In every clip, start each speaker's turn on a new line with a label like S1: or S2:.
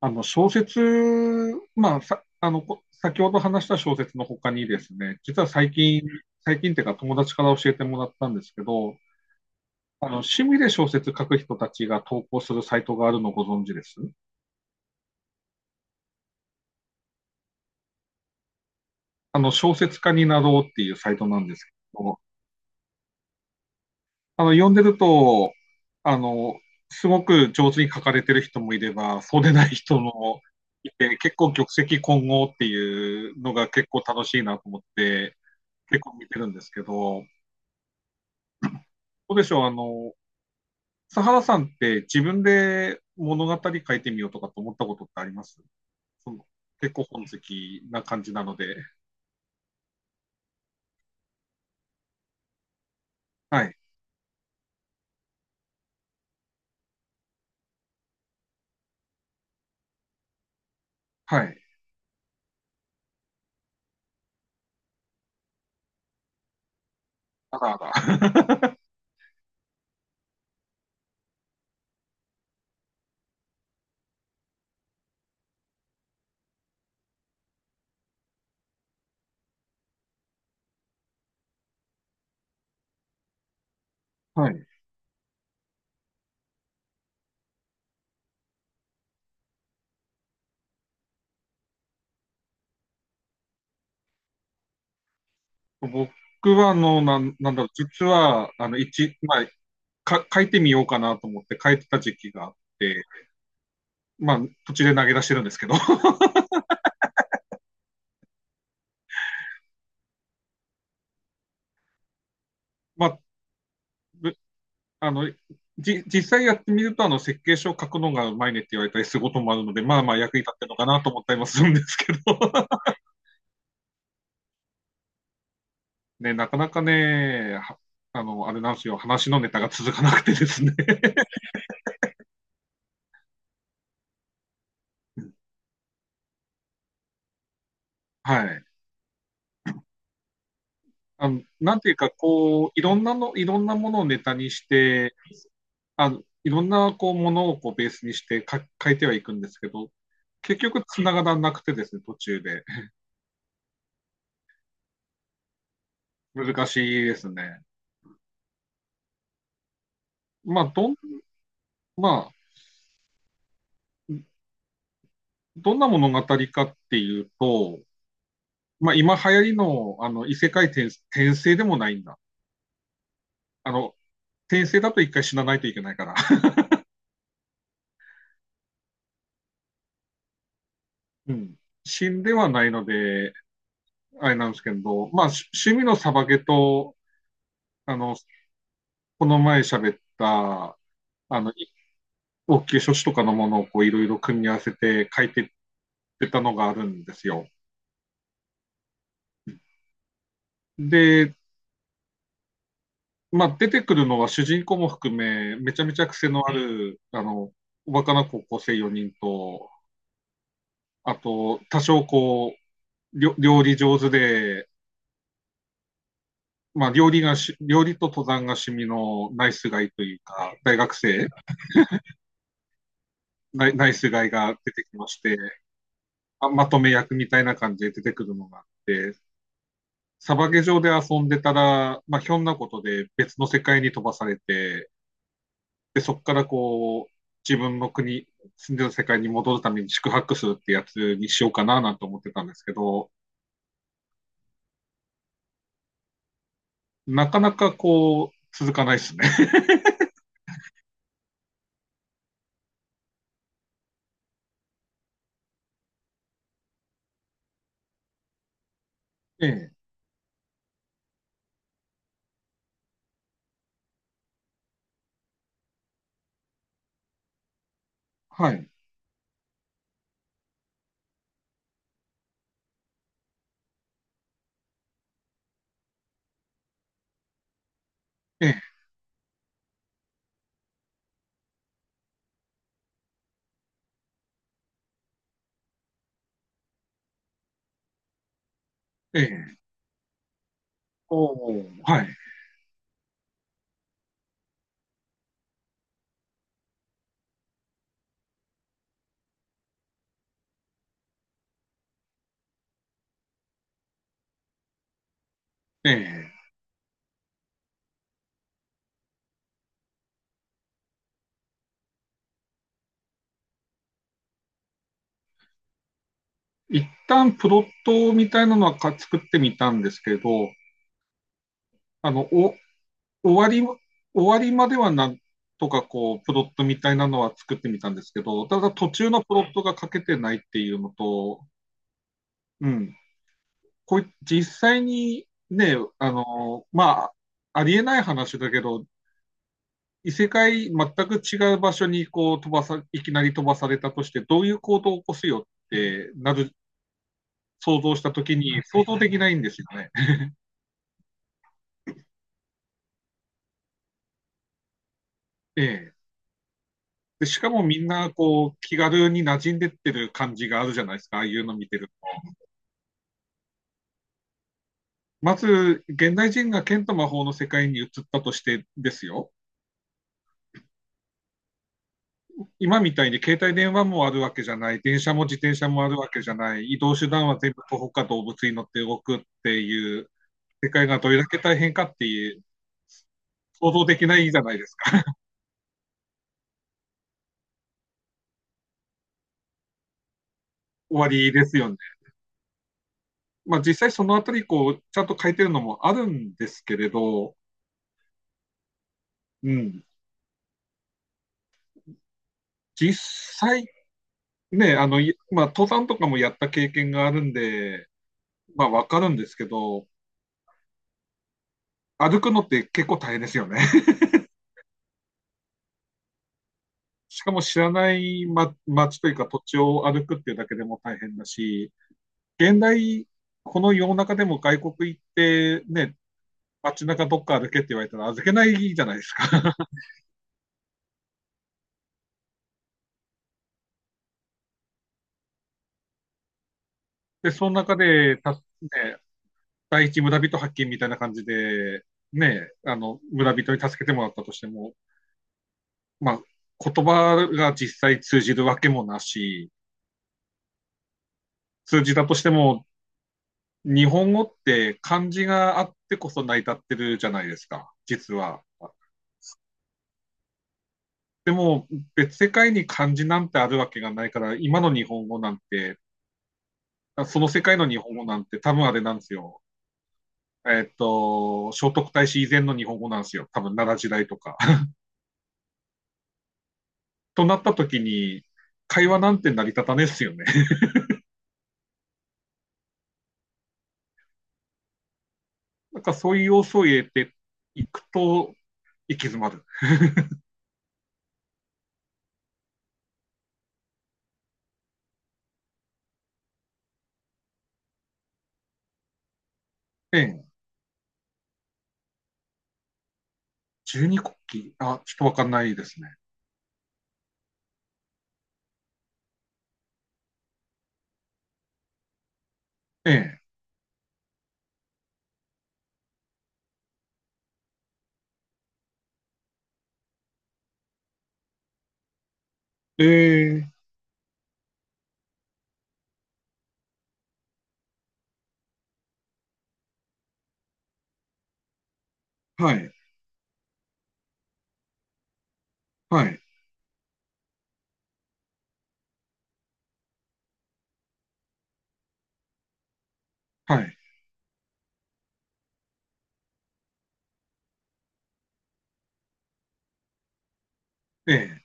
S1: あの小説、まあ、さ、あの、こ先ほど話した小説の他にですね、実は最近、最近っていうか友達から教えてもらったんですけど、趣味で小説書く人たちが投稿するサイトがあるのご存知です小説家になろうっていうサイトなんですけど、読んでると、あの、すごく上手に書かれてる人もいれば、そうでない人もいて、結構玉石混合っていうのが結構楽しいなと思って、結構見てるんですけど、どうでしょう、佐原さんって自分で物語書いてみようとかと思ったことってありますその結構本好きな感じなので。はい。はい。あらあら。はい。僕は、なんだろう、実は、書いてみようかなと思って書いてた時期があって、まあ、途中で投げ出してるんですけど、まあ、ぶあの、実際やってみると、あの、設計書を書くのがうまいねって言われたりすることもあるので、まあまあ役に立ってるのかなと思ったりもするんですけど。ね、なかなかね、はあの、あれなんですよ、話のネタが続かなくてですね。はい。あの、なんていうか、こう、いろんなものをネタにして、あの、いろんな、こう、ものをこうベースにして書いてはいくんですけど、結局繋がらなくてですね、途中で。難しいですね。まあ、どん、まあ、どんな物語かっていうと、まあ、今流行りの、あの、異世界転、転生でもないんだ。あの、転生だと一回死なないといけないから。うん。死んではないので、あれなんですけど、まあ、趣味のサバゲと、あの、この前喋った、あの、い応急処置とかのものをこういろいろ組み合わせて書いてってたのがあるんですよ。で、まあ、出てくるのは主人公も含め、めちゃめちゃ癖のある、あの、おバカな高校生4人と、あと、多少料理上手で、まあ、料理と登山が趣味のナイスガイというか、大学生ナイナイスガが出てきましてあ、まとめ役みたいな感じで出てくるのがあって、サバゲ上で遊んでたら、まあ、ひょんなことで別の世界に飛ばされて、でそこからこう自分の国、住んでる世界に戻るために宿泊するってやつにしようかななんて思ってたんですけど、なかなかこう、続かないですね。ええ、はい、ええ、ええ、おーはい、ええ。一旦プロットみたいなのは作ってみたんですけど、あの、お終わり、終わりまではなんとかこう、プロットみたいなのは作ってみたんですけど、ただ途中のプロットが書けてないっていうのと、うん、こう実際にね、あの、まあ、ありえない話だけど、異世界全く違う場所にこう飛ばさ、いきなり飛ばされたとして、どういう行動を起こすよってなる、想像したときに想像できないんですよね。ええ。で、しかもみんなこう気軽に馴染んでってる感じがあるじゃないですか、ああいうの見てると、まず、現代人が剣と魔法の世界に移ったとしてですよ。今みたいに携帯電話もあるわけじゃない、電車も自転車もあるわけじゃない、移動手段は全部徒歩か動物に乗って動くっていう世界がどれだけ大変かっていう、想像できないじゃないですか。終わりですよね。まあ実際そのあたり、こう、ちゃんと書いてるのもあるんですけれど、うん。実際、ね、あの、まあ登山とかもやった経験があるんで、まあわかるんですけど、歩くのって結構大変ですよね。しかも知らない、ま、街というか土地を歩くっていうだけでも大変だし、現代、この世の中でも外国行ってね、街中どっか歩けって言われたら預けないじゃないですか。で、その中で、第一村人発見みたいな感じで、ね、あの、村人に助けてもらったとしても、まあ、言葉が実際通じるわけもなし、通じたとしても、日本語って漢字があってこそ成り立ってるじゃないですか、実は。でも別世界に漢字なんてあるわけがないから、今の日本語なんて、その世界の日本語なんて多分あれなんですよ。えっと、聖徳太子以前の日本語なんですよ。多分奈良時代とか。となった時に、会話なんて成り立たねえっすよね。なんかそういう要素を入れていくと行き詰まる。ええ、十二国旗、あ、ちょっとわかんないですね。ええ、ええ、はい、はい、はい、ええ、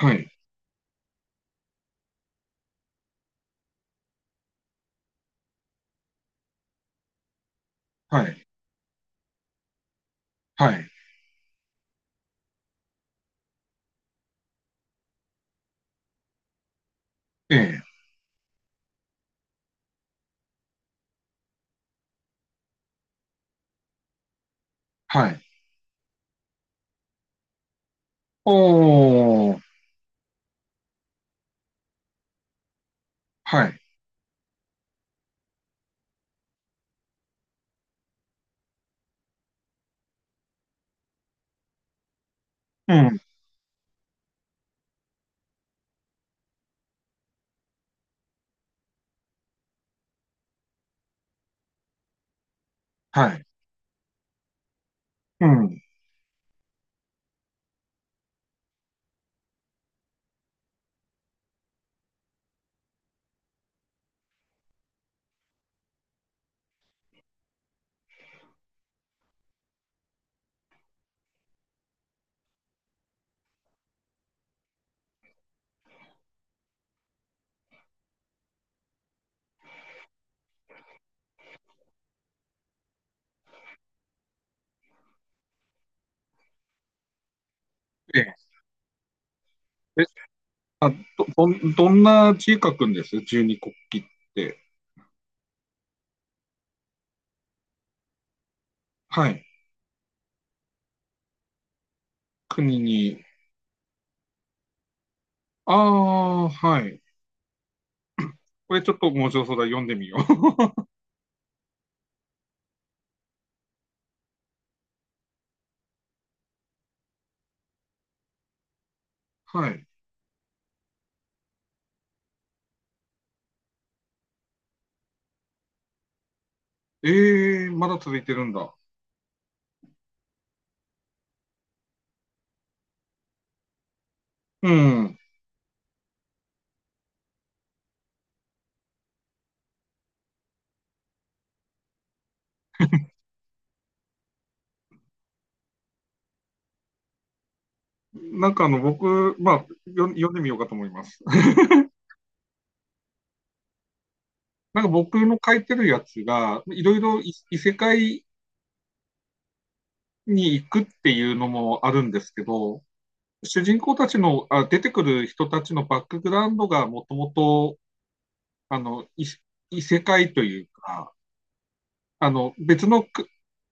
S1: はい、はい、はい、ええ、はい。おー。はい。うん。はい。うん。ええ。え、あ、どんな字書くんです十二国旗って。はい。国に。ああ、はい。これちょっと面白そうだ。読んでみよう。はい。ええ、まだ続いてるんだ。うん。なんかあの、僕、まあ、よ、読んでみようかと思います。なんか僕の書いてるやつが、いろいろい異世界に行くっていうのもあるんですけど、主人公たちの、あ、出てくる人たちのバックグラウンドがもともとあの、異世界というか、あの、別のく、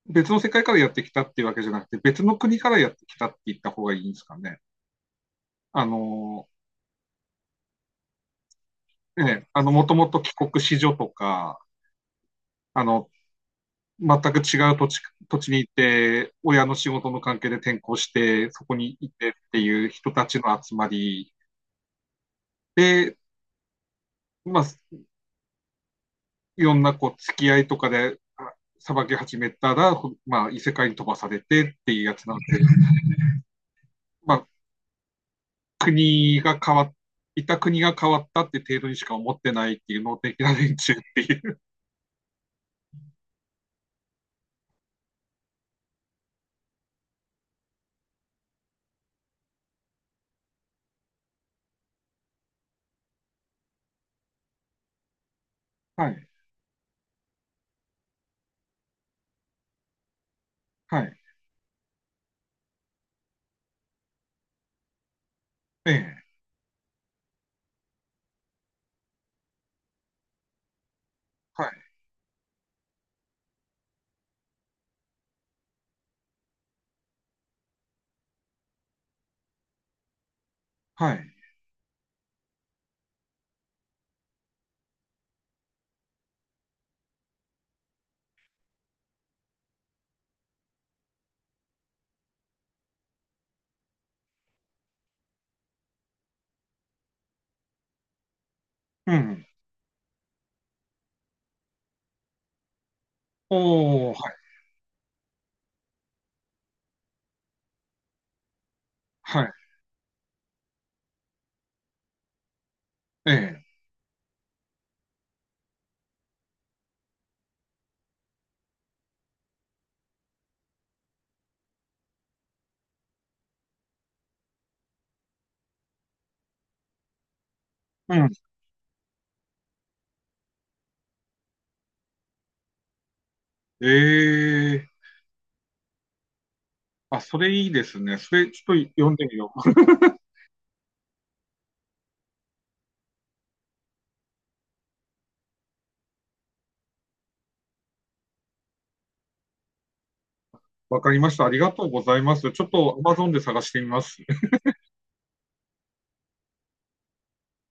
S1: 別の世界からやってきたっていうわけじゃなくて、別の国からやってきたって言った方がいいんですかね。あの、ね、あの、もともと帰国子女とか、あの、全く違う土地、土地に行って、親の仕事の関係で転校して、そこに行ってっていう人たちの集まりで、まあ、いろんなこう、付き合いとかで、さばき始めたら、まあ、異世界に飛ばされてっていうやつなので、まあ、国が変わっ、いた国が変わったって程度にしか思ってないっていう能的な連中っていう。はい、はい、ええ、はい、はい、うん。おー、はい、はい、ええ、うん。ええ、あ、それいいですね。それちょっと読んでみよう。わかりました。ありがとうございます。ちょっと Amazon で探してみます。